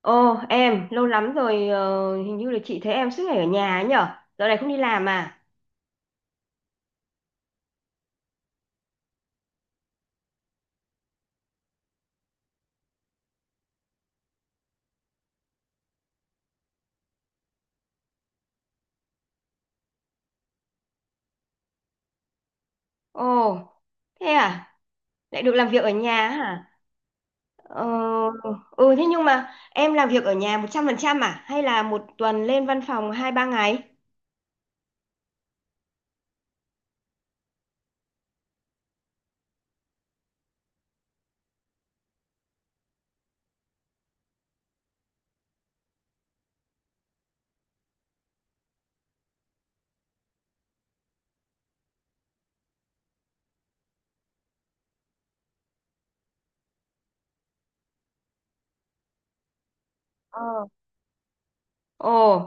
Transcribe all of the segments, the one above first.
Ồ, em lâu lắm rồi, hình như là chị thấy em suốt ngày ở nhà ấy nhở. Giờ này không đi làm à? Ồ, thế à, lại được làm việc ở nhà á hả? ờ, Ừ, thế nhưng mà em làm việc ở nhà 100% à hay là một tuần lên văn phòng hai ba ngày? Ờ. Ồ,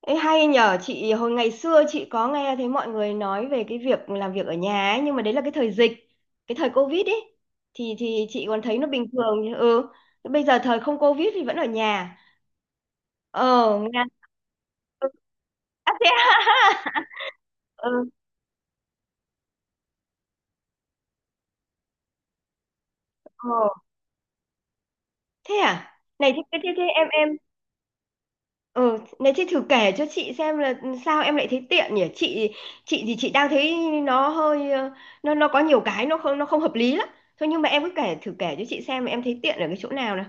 ấy hay nhở, chị hồi ngày xưa chị có nghe thấy mọi người nói về cái việc làm việc ở nhà ấy, nhưng mà đấy là cái thời dịch, cái thời Covid ấy thì chị còn thấy nó bình thường. Ừ, bây giờ thời không Covid thì vẫn ở nhà, ờ Nga. Ừ. À, thế à. Ừ. Ờ. Thế à, này thế, thế, thế thế em, ừ, này thế thử kể cho chị xem là sao em lại thấy tiện nhỉ. Chị thì chị đang thấy nó hơi nó có nhiều cái nó không hợp lý lắm. Thôi nhưng mà em cứ kể, thử kể cho chị xem em thấy tiện ở cái chỗ nào nào.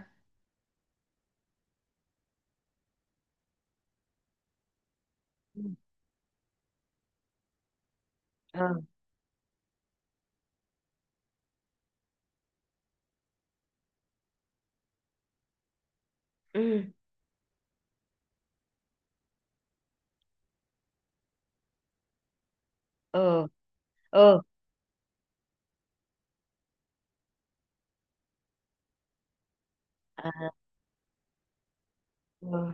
Ừ. Ờ. Ừ. Ờ. Ờ. À. Ờ.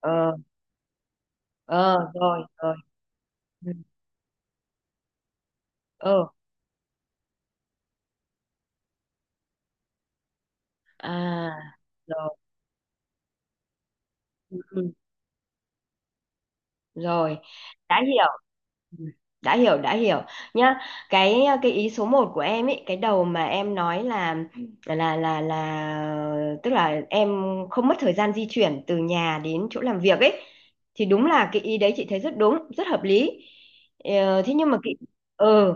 Ờ. Ờ, rồi rồi. Ừ. Ờ. À. Rồi. Ừ. Rồi, đã hiểu. Ừ, đã hiểu, đã hiểu nhá. Cái ý số một của em ấy, cái đầu mà em nói là là tức là em không mất thời gian di chuyển từ nhà đến chỗ làm việc ấy, thì đúng là cái ý đấy chị thấy rất đúng, rất hợp lý. Thế nhưng mà cái, ừ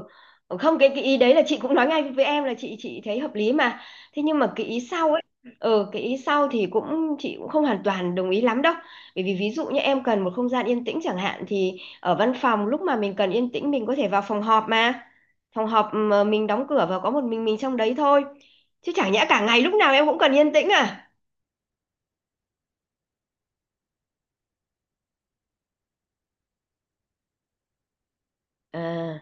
không, cái cái ý đấy là chị cũng nói ngay với em là chị thấy hợp lý mà. Thế nhưng mà cái ý sau ấy, ừ, cái ý sau thì cũng chị cũng không hoàn toàn đồng ý lắm đâu. Bởi vì ví dụ như em cần một không gian yên tĩnh chẳng hạn, thì ở văn phòng lúc mà mình cần yên tĩnh mình có thể vào phòng họp mà. Phòng họp mà mình đóng cửa và có một mình trong đấy thôi. Chứ chẳng nhẽ cả ngày lúc nào em cũng cần yên tĩnh à? À.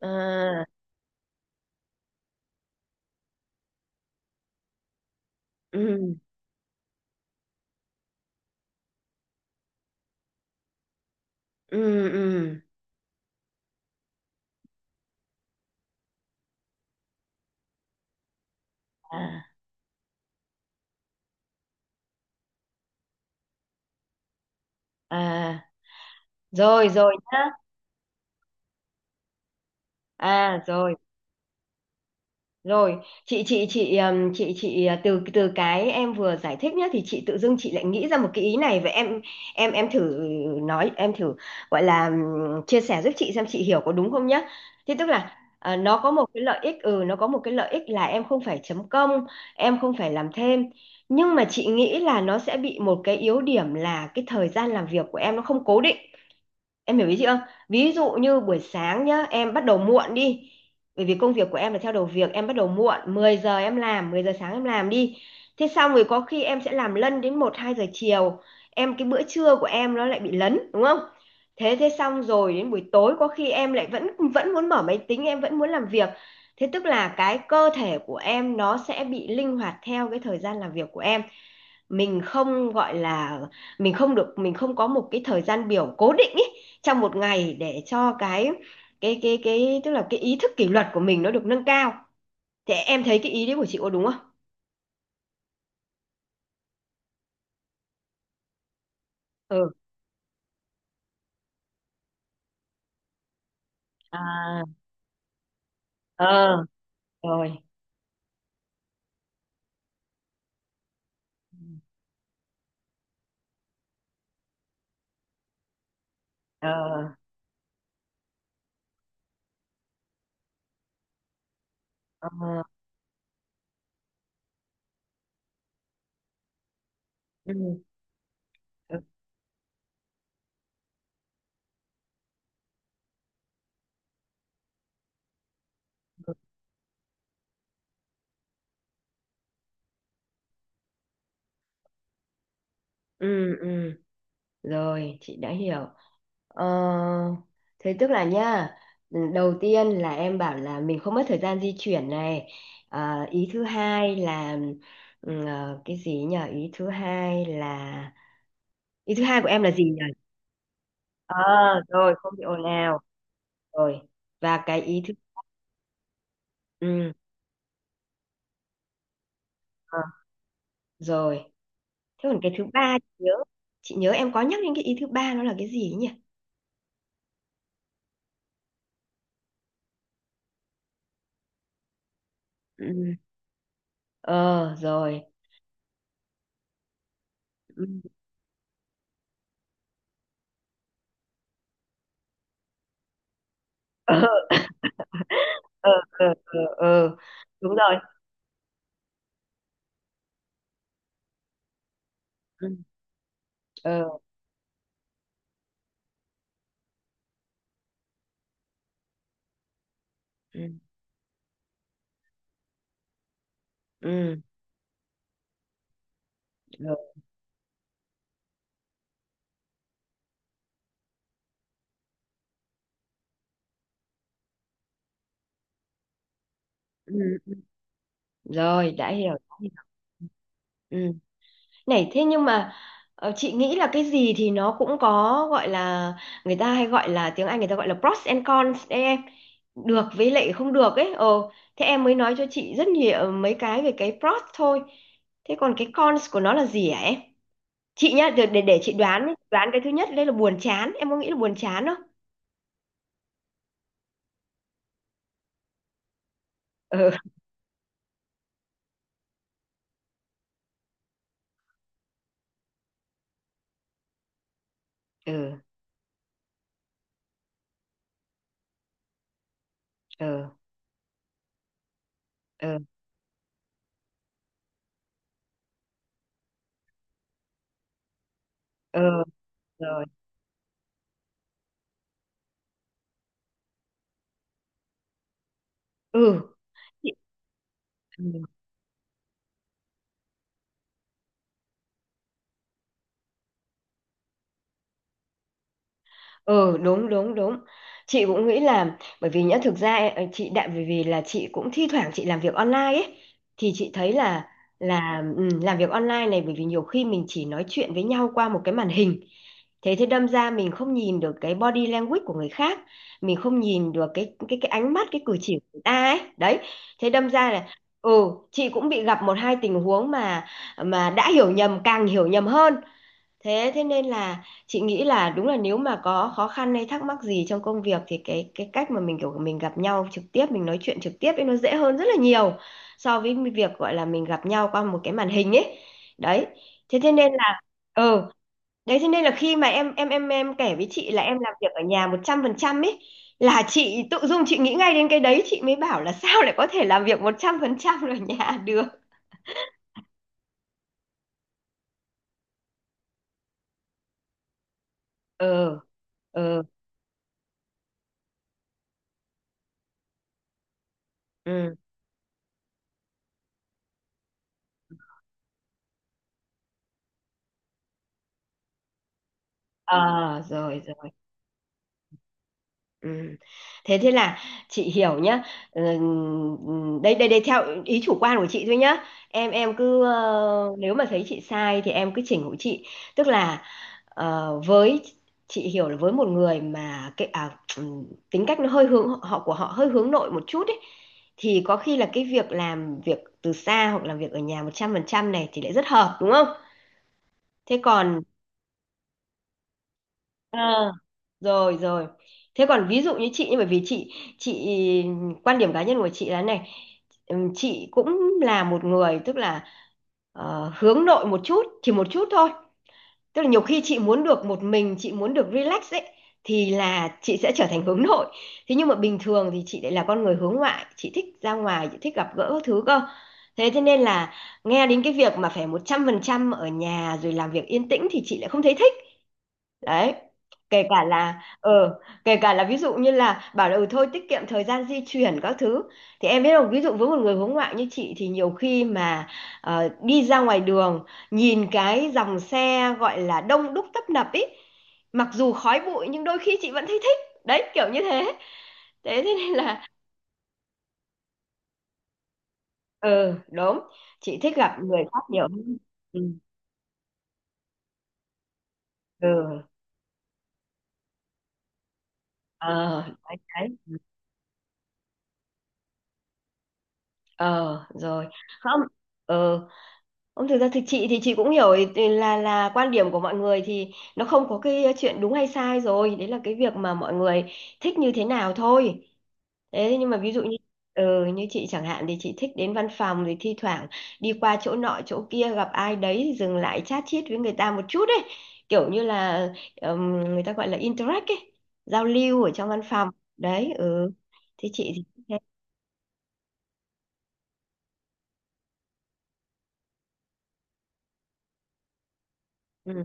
À. Ừ. Ừ. Ừ. À. À, rồi rồi nhá. À, rồi. Rồi, chị chị từ từ cái em vừa giải thích nhé, thì chị tự dưng chị lại nghĩ ra một cái ý này. Vậy em, em thử nói, em thử gọi là chia sẻ giúp chị xem chị hiểu có đúng không nhá. Thế tức là nó có một cái lợi ích, ừ, nó có một cái lợi ích là em không phải chấm công, em không phải làm thêm. Nhưng mà chị nghĩ là nó sẽ bị một cái yếu điểm là cái thời gian làm việc của em nó không cố định. Em hiểu ý chị không? Ví dụ như buổi sáng nhá, em bắt đầu muộn đi. Bởi vì công việc của em là theo đầu việc, em bắt đầu muộn, 10 giờ em làm, 10 giờ sáng em làm đi. Thế xong rồi có khi em sẽ làm lân đến một 2 giờ chiều. Em cái bữa trưa của em nó lại bị lấn, đúng không? Thế thế xong rồi đến buổi tối có khi em lại vẫn vẫn muốn mở máy tính, em vẫn muốn làm việc. Thế tức là cái cơ thể của em nó sẽ bị linh hoạt theo cái thời gian làm việc của em, mình không gọi là, mình không được, mình không có một cái thời gian biểu cố định ý, trong một ngày, để cho cái tức là cái ý thức kỷ luật của mình nó được nâng cao. Thế em thấy cái ý đấy của chị có đúng không? Ừ. À. Ờ. Rồi. Ờ. Ờ. Ừ. Ừ, ừ. Rồi, chị đã hiểu. Ờ, thế tức là nha, đầu tiên là em bảo là mình không mất thời gian di chuyển này. Ờ, ý thứ hai là, ừ, cái gì nhỉ? Ý thứ hai là, ý thứ hai của em là gì nhỉ? Ờ, rồi, không bị ồn ào. Rồi. Và cái ý thứ, ừ, ờ, rồi. Thế còn cái thứ ba, chị nhớ em có nhắc đến cái ý thứ ba, nó là cái gì ấy nhỉ? Ừ. Ờ rồi. Ừ. Ờ, ờ, ờ, ờ, ờ. Đúng rồi. Ừ. Ờ. Ừ. Ừ. Rồi. Ừ. Rồi, đã hiểu, đã hiểu. Ừ. Này thế nhưng mà chị nghĩ là cái gì thì nó cũng có, gọi là, người ta hay gọi là, tiếng Anh người ta gọi là pros and cons đấy em, được với lại không được ấy. Ờ, thế em mới nói cho chị rất nhiều mấy cái về cái pros thôi, thế còn cái cons của nó là gì hả em? Chị nhá, để chị đoán ấy. Đoán cái thứ nhất đây là buồn chán, em có nghĩ là buồn chán không? Ừ. Ừ. Ừ. Ừ. Ừ. Rồi. Ừ. Chị-. Ừ, đúng đúng đúng, chị cũng nghĩ là, bởi vì nhá, thực ra ấy, ờ, chị đại vì vì chị cũng thi thoảng chị làm việc online ấy, thì chị thấy là ừ, làm việc online này bởi vì nhiều khi mình chỉ nói chuyện với nhau qua một cái màn hình, thế thế đâm ra mình không nhìn được cái body language của người khác, mình không nhìn được cái cái ánh mắt, cái cử chỉ của người ta ấy đấy. Thế đâm ra là, ừ, chị cũng bị gặp một hai tình huống mà đã hiểu nhầm càng hiểu nhầm hơn. Thế thế nên là chị nghĩ là đúng là, nếu mà có khó khăn hay thắc mắc gì trong công việc, thì cái cách mà mình kiểu mình gặp nhau trực tiếp, mình nói chuyện trực tiếp ấy, nó dễ hơn rất là nhiều so với việc, gọi là, mình gặp nhau qua một cái màn hình ấy. Đấy. Thế thế nên là, ừ, đấy, thế nên là khi mà em kể với chị là em làm việc ở nhà 100% ấy, là chị tự dưng chị nghĩ ngay đến cái đấy, chị mới bảo là sao lại có thể làm việc 100% ở nhà được. Ừ. Ừ. Ừ. Ờ rồi rồi. Ừ. Thế thế là chị hiểu nhá. Ừ, ừ, đây đây đây theo ý chủ quan của chị thôi nhá. Em cứ, ờ, nếu mà thấy chị sai thì em cứ chỉnh hộ chị. Tức là, ờ, với, chị hiểu là với một người mà cái, à, ừ, tính cách nó hơi hướng, họ của họ hơi hướng nội một chút ấy, thì có khi là cái việc làm việc từ xa hoặc làm việc ở nhà 100% này thì lại rất hợp, đúng không? Thế còn, ờ, rồi rồi, thế còn ví dụ như chị, nhưng bởi vì chị quan điểm cá nhân của chị là này, chị cũng là một người tức là, ờ, hướng nội một chút, chỉ một chút thôi. Tức là nhiều khi chị muốn được một mình, chị muốn được relax ấy, thì là chị sẽ trở thành hướng nội. Thế nhưng mà bình thường thì chị lại là con người hướng ngoại, chị thích ra ngoài, chị thích gặp gỡ các thứ cơ. Thế thế nên là nghe đến cái việc mà phải một trăm phần trăm ở nhà rồi làm việc yên tĩnh thì chị lại không thấy thích. Đấy, kể cả là ờ kể cả là ví dụ như là bảo là ừ thôi tiết kiệm thời gian di chuyển các thứ, thì em biết không, ví dụ với một người hướng ngoại như chị thì nhiều khi mà, ờ, đi ra ngoài đường, nhìn cái dòng xe, gọi là đông đúc tấp nập ý, mặc dù khói bụi nhưng đôi khi chị vẫn thấy thích, đấy, kiểu như thế. Thế thế nên là, ừ đúng, chị thích gặp người khác nhiều hơn. Ừ. Ừ. Ờ. Đấy đấy. Ờ rồi. Không. Ờ. Ông thực ra thì chị cũng hiểu ý-, ý là quan điểm của mọi người thì nó không có cái, ờ, chuyện đúng hay sai rồi, đấy là cái việc mà mọi người thích như thế nào thôi. Thế nhưng mà ví dụ như, ừ, như chị chẳng hạn thì chị thích đến văn phòng, thì thi thoảng đi qua chỗ nọ chỗ kia gặp ai đấy thì dừng lại chat chít với người ta một chút ấy, kiểu như là, người ta gọi là interact ấy, giao lưu ở trong văn phòng. Đấy, ừ. Thế chị thì thế. Ừ.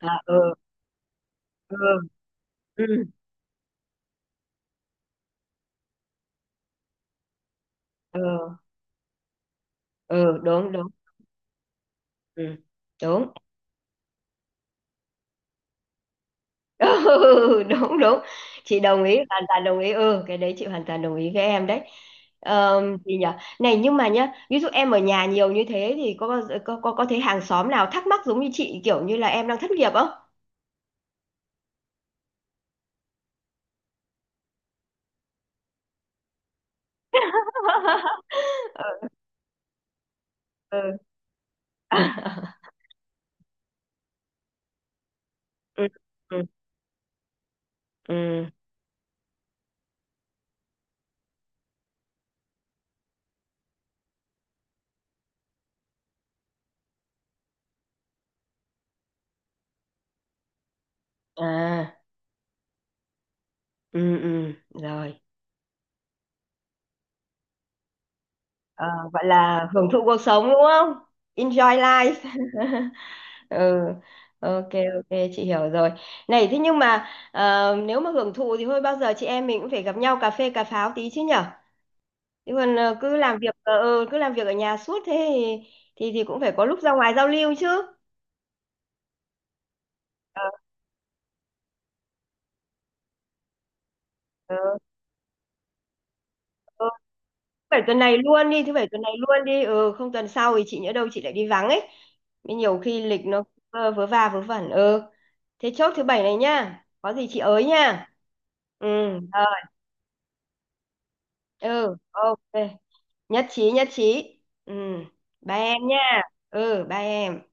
À, ừ, ừ, ừ, ừ, ừ, đúng đúng. Ừ, đúng. Ừ, đúng đúng, chị đồng ý, hoàn toàn đồng ý, ừ, cái đấy chị hoàn toàn đồng ý với em đấy. Gì nhỉ? Này nhưng mà nhá, ví dụ em ở nhà nhiều như thế thì có bao giờ, có thấy hàng xóm nào thắc mắc giống như chị kiểu như là em đang thất nghiệp không? Ừ. Ừ. Ừ. Ừ. Ừ. À. Ừ. Ừ. Rồi. Ờ, gọi là hưởng thụ cuộc sống đúng không, enjoy life. Ừ, ok. Ok, chị hiểu rồi. Này thế nhưng mà, ờ, nếu mà hưởng thụ thì thôi bao giờ chị em mình cũng phải gặp nhau cà phê cà pháo tí chứ nhở, chứ còn, ờ, cứ làm việc, ờ, ừ, cứ làm việc ở nhà suốt thế thì cũng phải có lúc ra ngoài giao lưu chứ. Ờ, ờ, ờ, thứ bảy tuần này luôn đi, thứ bảy tuần này luôn đi, ừ không tuần sau thì chị nhỡ đâu chị lại đi vắng ấy. Nên nhiều khi lịch nó, ờ, vớ va vớ vẩn, ừ. Thế chốt thứ bảy này nhá, có gì chị ới nha. Ừ. Ờ, ừ, ok. Nhất trí, nhất trí. Ừ. Ba em nha. Ừ, ba em.